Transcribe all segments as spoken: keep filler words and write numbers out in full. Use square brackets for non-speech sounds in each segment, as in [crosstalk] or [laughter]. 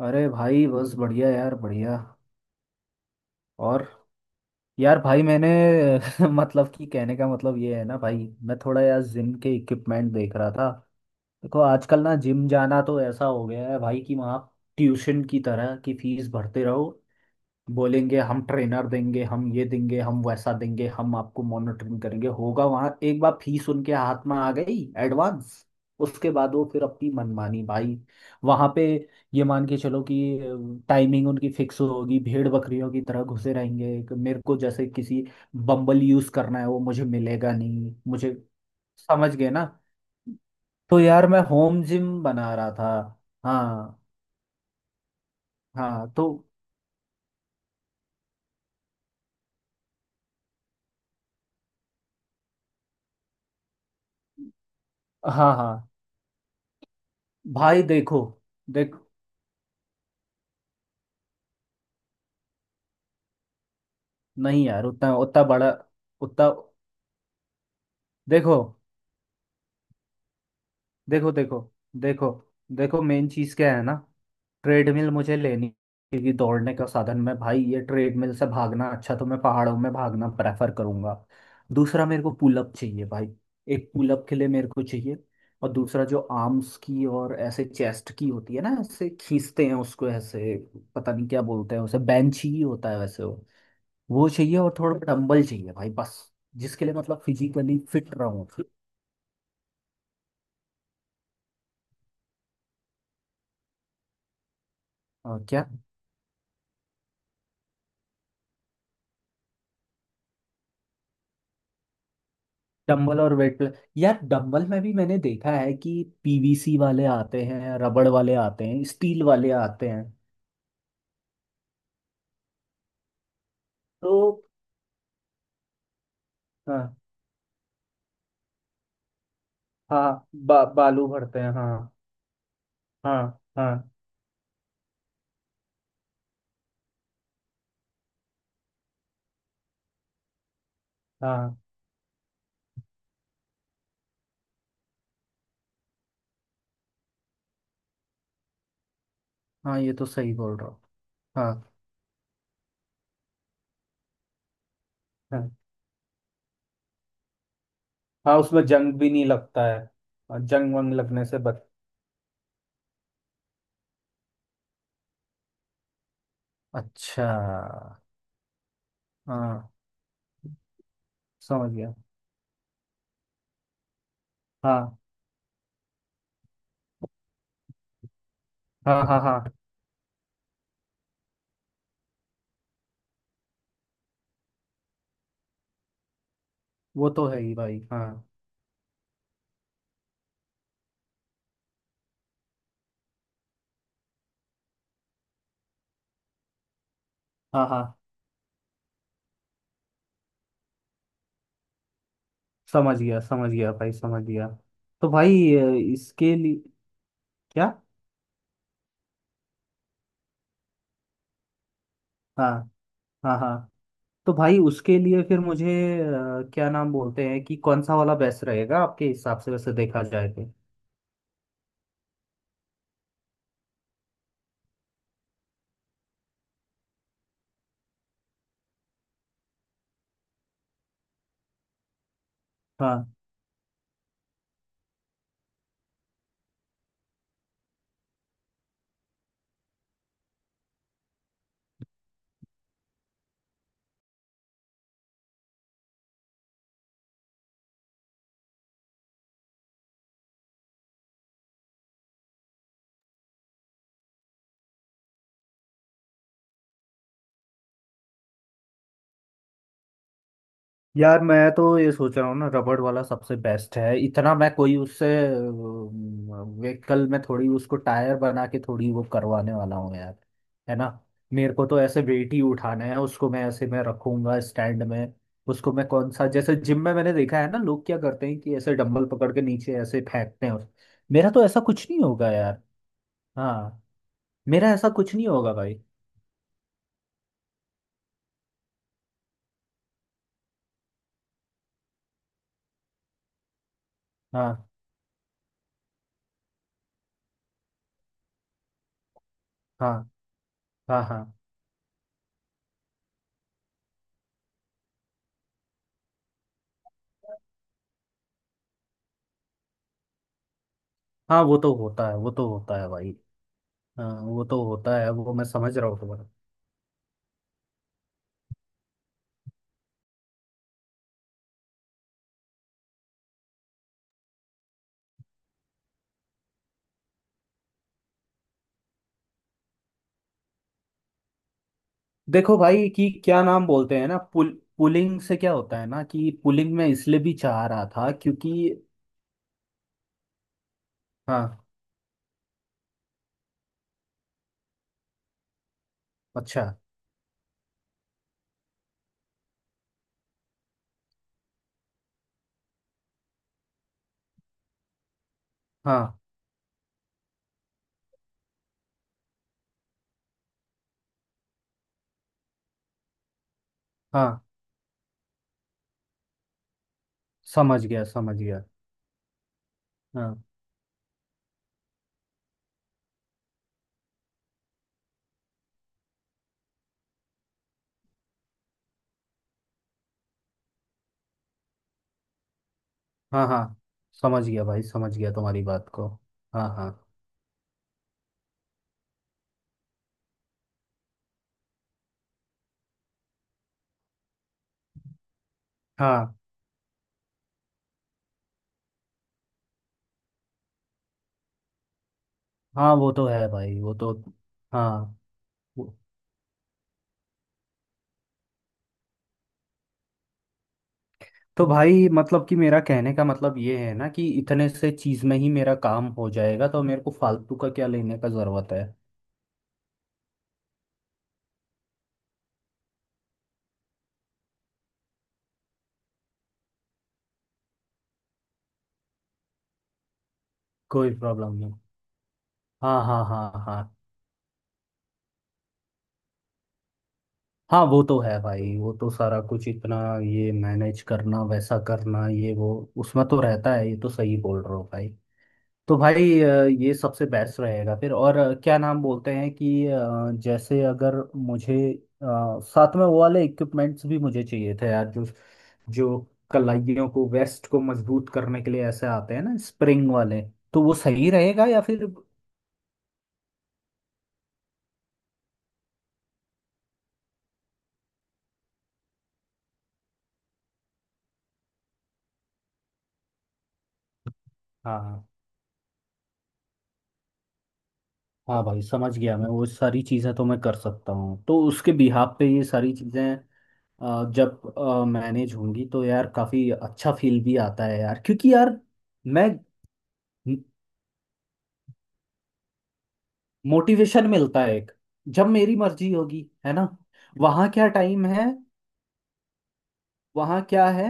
अरे भाई बस बढ़िया यार बढ़िया। और यार भाई मैंने [laughs] मतलब कि कहने का मतलब ये है ना भाई मैं थोड़ा यार जिम के इक्विपमेंट देख रहा था। देखो आजकल ना जिम जाना तो ऐसा हो गया है भाई कि वहाँ ट्यूशन की तरह की फीस भरते रहो। बोलेंगे हम ट्रेनर देंगे हम ये देंगे हम वैसा देंगे हम आपको मॉनिटरिंग करेंगे, होगा वहां एक बार फीस उनके हाथ में आ गई एडवांस, उसके बाद वो फिर अपनी मनमानी भाई वहां पे। ये मान के चलो कि टाइमिंग उनकी फिक्स होगी, भेड़ बकरियों की तरह घुसे रहेंगे, कि मेरे को जैसे किसी बम्बल यूज करना है वो मुझे मिलेगा नहीं मुझे। समझ गए ना। तो यार मैं होम जिम बना रहा था। हाँ। हाँ तो। हाँ हाँ। भाई देखो। देख। नहीं यार उतना उतना बड़ा। उतना। देखो देखो देखो देखो देखो मेन चीज़ क्या है ना। ट्रेडमिल मुझे लेनी, क्योंकि दौड़ने का साधन में भाई, ये ट्रेडमिल से भागना अच्छा तो मैं पहाड़ों में भागना प्रेफर करूंगा। दूसरा मेरे को पुलअप चाहिए भाई। एक पुलअप के लिए मेरे को चाहिए। और दूसरा जो आर्म्स की और ऐसे चेस्ट की होती है ना ऐसे खींचते हैं उसको ऐसे, पता नहीं क्या बोलते हैं उसे, बेंच ही होता है वैसे। वो चाहिए और थोड़ा डंबल चाहिए भाई बस। जिसके लिए मतलब फिजिकली फिट रहूँ। और क्या। डंबल और वेट प्लस। यार डंबल में भी मैंने देखा है कि पीवीसी वाले आते हैं, रबड़ वाले आते हैं, स्टील वाले आते हैं। तो। हाँ हाँ, बा, बालू भरते हैं, हाँ। हाँ हाँ हाँ। हाँ ये तो सही बोल रहा हूँ। हाँ हाँ। हाँ। उसमें जंग भी नहीं लगता है और जंग वंग लगने से बच। अच्छा। हाँ समझ गया। हाँ हाँ हाँ। हाँ वो तो है ही भाई हाँ। हाँ हाँ। समझ गया समझ गया भाई समझ गया। तो भाई अ, इसके लिए। क्या। हाँ। हाँ हाँ। तो भाई उसके लिए फिर मुझे अ, क्या नाम बोलते हैं, कि कौन सा वाला बेस्ट रहेगा आपके हिसाब से वैसे देखा जाए तो। हाँ। यार मैं तो ये सोच रहा हूँ ना रबड़ वाला सबसे बेस्ट है, इतना मैं कोई उससे व्हीकल में थोड़ी उसको टायर बना के थोड़ी वो करवाने वाला हूँ यार, है ना। मेरे को तो ऐसे वेट ही उठाना है, उसको मैं ऐसे मैं रखूंगा स्टैंड में। उसको मैं कौन सा, जैसे जिम में मैंने देखा है ना लोग क्या करते हैं कि ऐसे डंबल पकड़ के नीचे ऐसे फेंकते हैं। मेरा तो ऐसा कुछ नहीं होगा यार। हाँ। मेरा ऐसा कुछ नहीं होगा भाई। हाँ। हाँ हाँ। हाँ हाँ वो तो होता है, वो तो होता है भाई। हाँ वो तो होता है, वो मैं समझ रहा हूँ तुम्हारा। देखो भाई कि क्या नाम बोलते हैं ना, पुल पुलिंग से क्या होता है ना, कि पुलिंग में इसलिए भी चाह रहा था क्योंकि। हाँ। अच्छा। हाँ हाँ, समझ गया समझ गया। हाँ। हाँ हाँ समझ गया भाई, समझ गया तुम्हारी बात को। हाँ हाँ। हाँ हाँ वो तो है भाई वो तो। हाँ। वो- तो भाई मतलब कि मेरा कहने का मतलब ये है ना, कि इतने से चीज़ में ही मेरा काम हो जाएगा, तो मेरे को फालतू का क्या लेने का ज़रूरत है। कोई प्रॉब्लम नहीं। हाँ हाँ हाँ हाँ। हाँ वो तो है भाई, वो तो सारा कुछ इतना, ये मैनेज करना वैसा करना ये वो, उसमें तो रहता है, ये तो सही बोल रहे हो भाई। तो भाई अ, ये सबसे बेस्ट रहेगा फिर। और अ, क्या नाम बोलते हैं कि अ, जैसे अगर मुझे अ, साथ में वो वाले इक्विपमेंट्स भी मुझे चाहिए थे यार, जो जो कलाइयों को वेस्ट को मजबूत करने के लिए ऐसे आते हैं ना स्प्रिंग वाले, तो वो सही रहेगा या फिर। हाँ। हाँ भाई समझ गया, मैं वो सारी चीज़ें तो मैं कर सकता हूँ, तो उसके बिहाफ पे ये सारी चीज़ें अ, जब मैनेज होंगी तो यार काफ़ी अच्छा फील भी आता है यार, क्योंकि यार मैं मोटिवेशन मिलता है एक, जब मेरी मर्जी होगी है ना। वहाँ क्या टाइम है। वहाँ क्या है।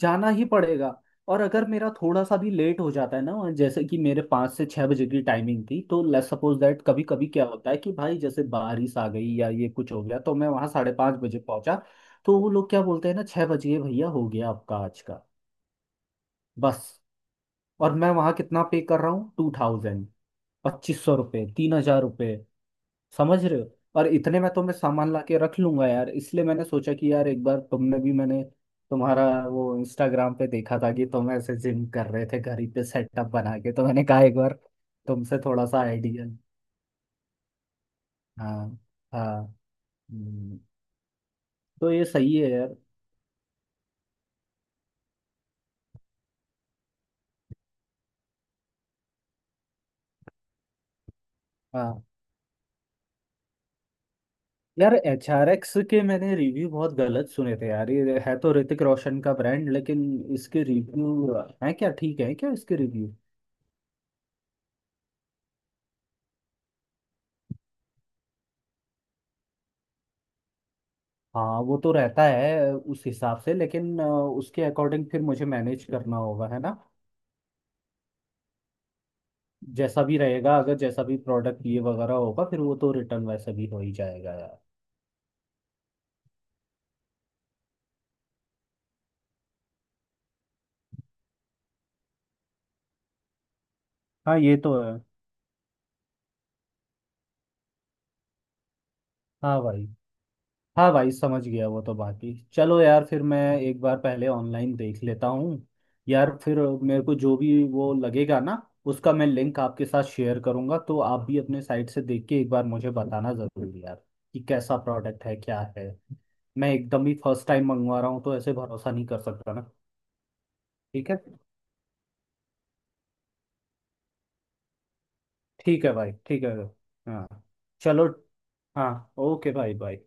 जाना ही पड़ेगा। और अगर मेरा थोड़ा सा भी लेट हो जाता है ना, और जैसे कि मेरे पाँच से छः बजे की टाइमिंग थी, तो लेट्स सपोज दैट, कभी कभी क्या होता है कि भाई, जैसे बारिश आ गई या ये कुछ हो गया, तो मैं वहाँ साढ़े पाँच बजे पहुंचा। तो वो लोग क्या बोलते हैं ना, छः बजे भैया हो गया आपका आज का, बस। और मैं वहाँ कितना पे कर रहा हूँ, टू थाउजेंड, पच्चीस सौ रुपये, तीन हजार रुपये। समझ रहे हो। और इतने में तो मैं सामान ला के रख लूंगा यार, इसलिए मैंने सोचा कि यार एक बार तुमने भी, मैंने तुम्हारा वो इंस्टाग्राम पे देखा था कि तुम ऐसे जिम कर रहे थे घर ही पे सेटअप बना के, तो मैंने कहा एक बार तुमसे थोड़ा सा आइडिया। हाँ। हाँ। हम्म। तो ये सही है यार। हाँ। यार एच आर एक्स के मैंने रिव्यू बहुत गलत सुने थे यार, ये है तो ऋतिक रोशन का ब्रांड लेकिन। इसके रिव्यू हैं क्या, ठीक है क्या इसके रिव्यू। हाँ वो तो रहता है उस हिसाब से, लेकिन अ, उसके अकॉर्डिंग फिर मुझे मैनेज करना होगा है ना। जैसा भी रहेगा, अगर जैसा भी प्रोडक्ट ये वगैरह होगा, फिर वो तो रिटर्न वैसे भी हो ही जाएगा यार। हाँ ये तो है। हाँ भाई। हाँ भाई समझ गया, वो तो बाकी चलो यार, फिर मैं एक बार पहले ऑनलाइन देख लेता हूँ यार। फिर मेरे को जो भी वो लगेगा ना, उसका मैं लिंक आपके साथ शेयर करूँगा, तो आप भी अपने साइट से देख के एक बार मुझे बताना ज़रूरी यार, कि कैसा प्रोडक्ट है क्या है। मैं एकदम ही फर्स्ट टाइम मंगवा रहा हूँ, तो ऐसे भरोसा नहीं कर सकता ना। ठीक है। ठीक है भाई, ठीक है। हाँ। चलो। हाँ, ओके भाई, बाय।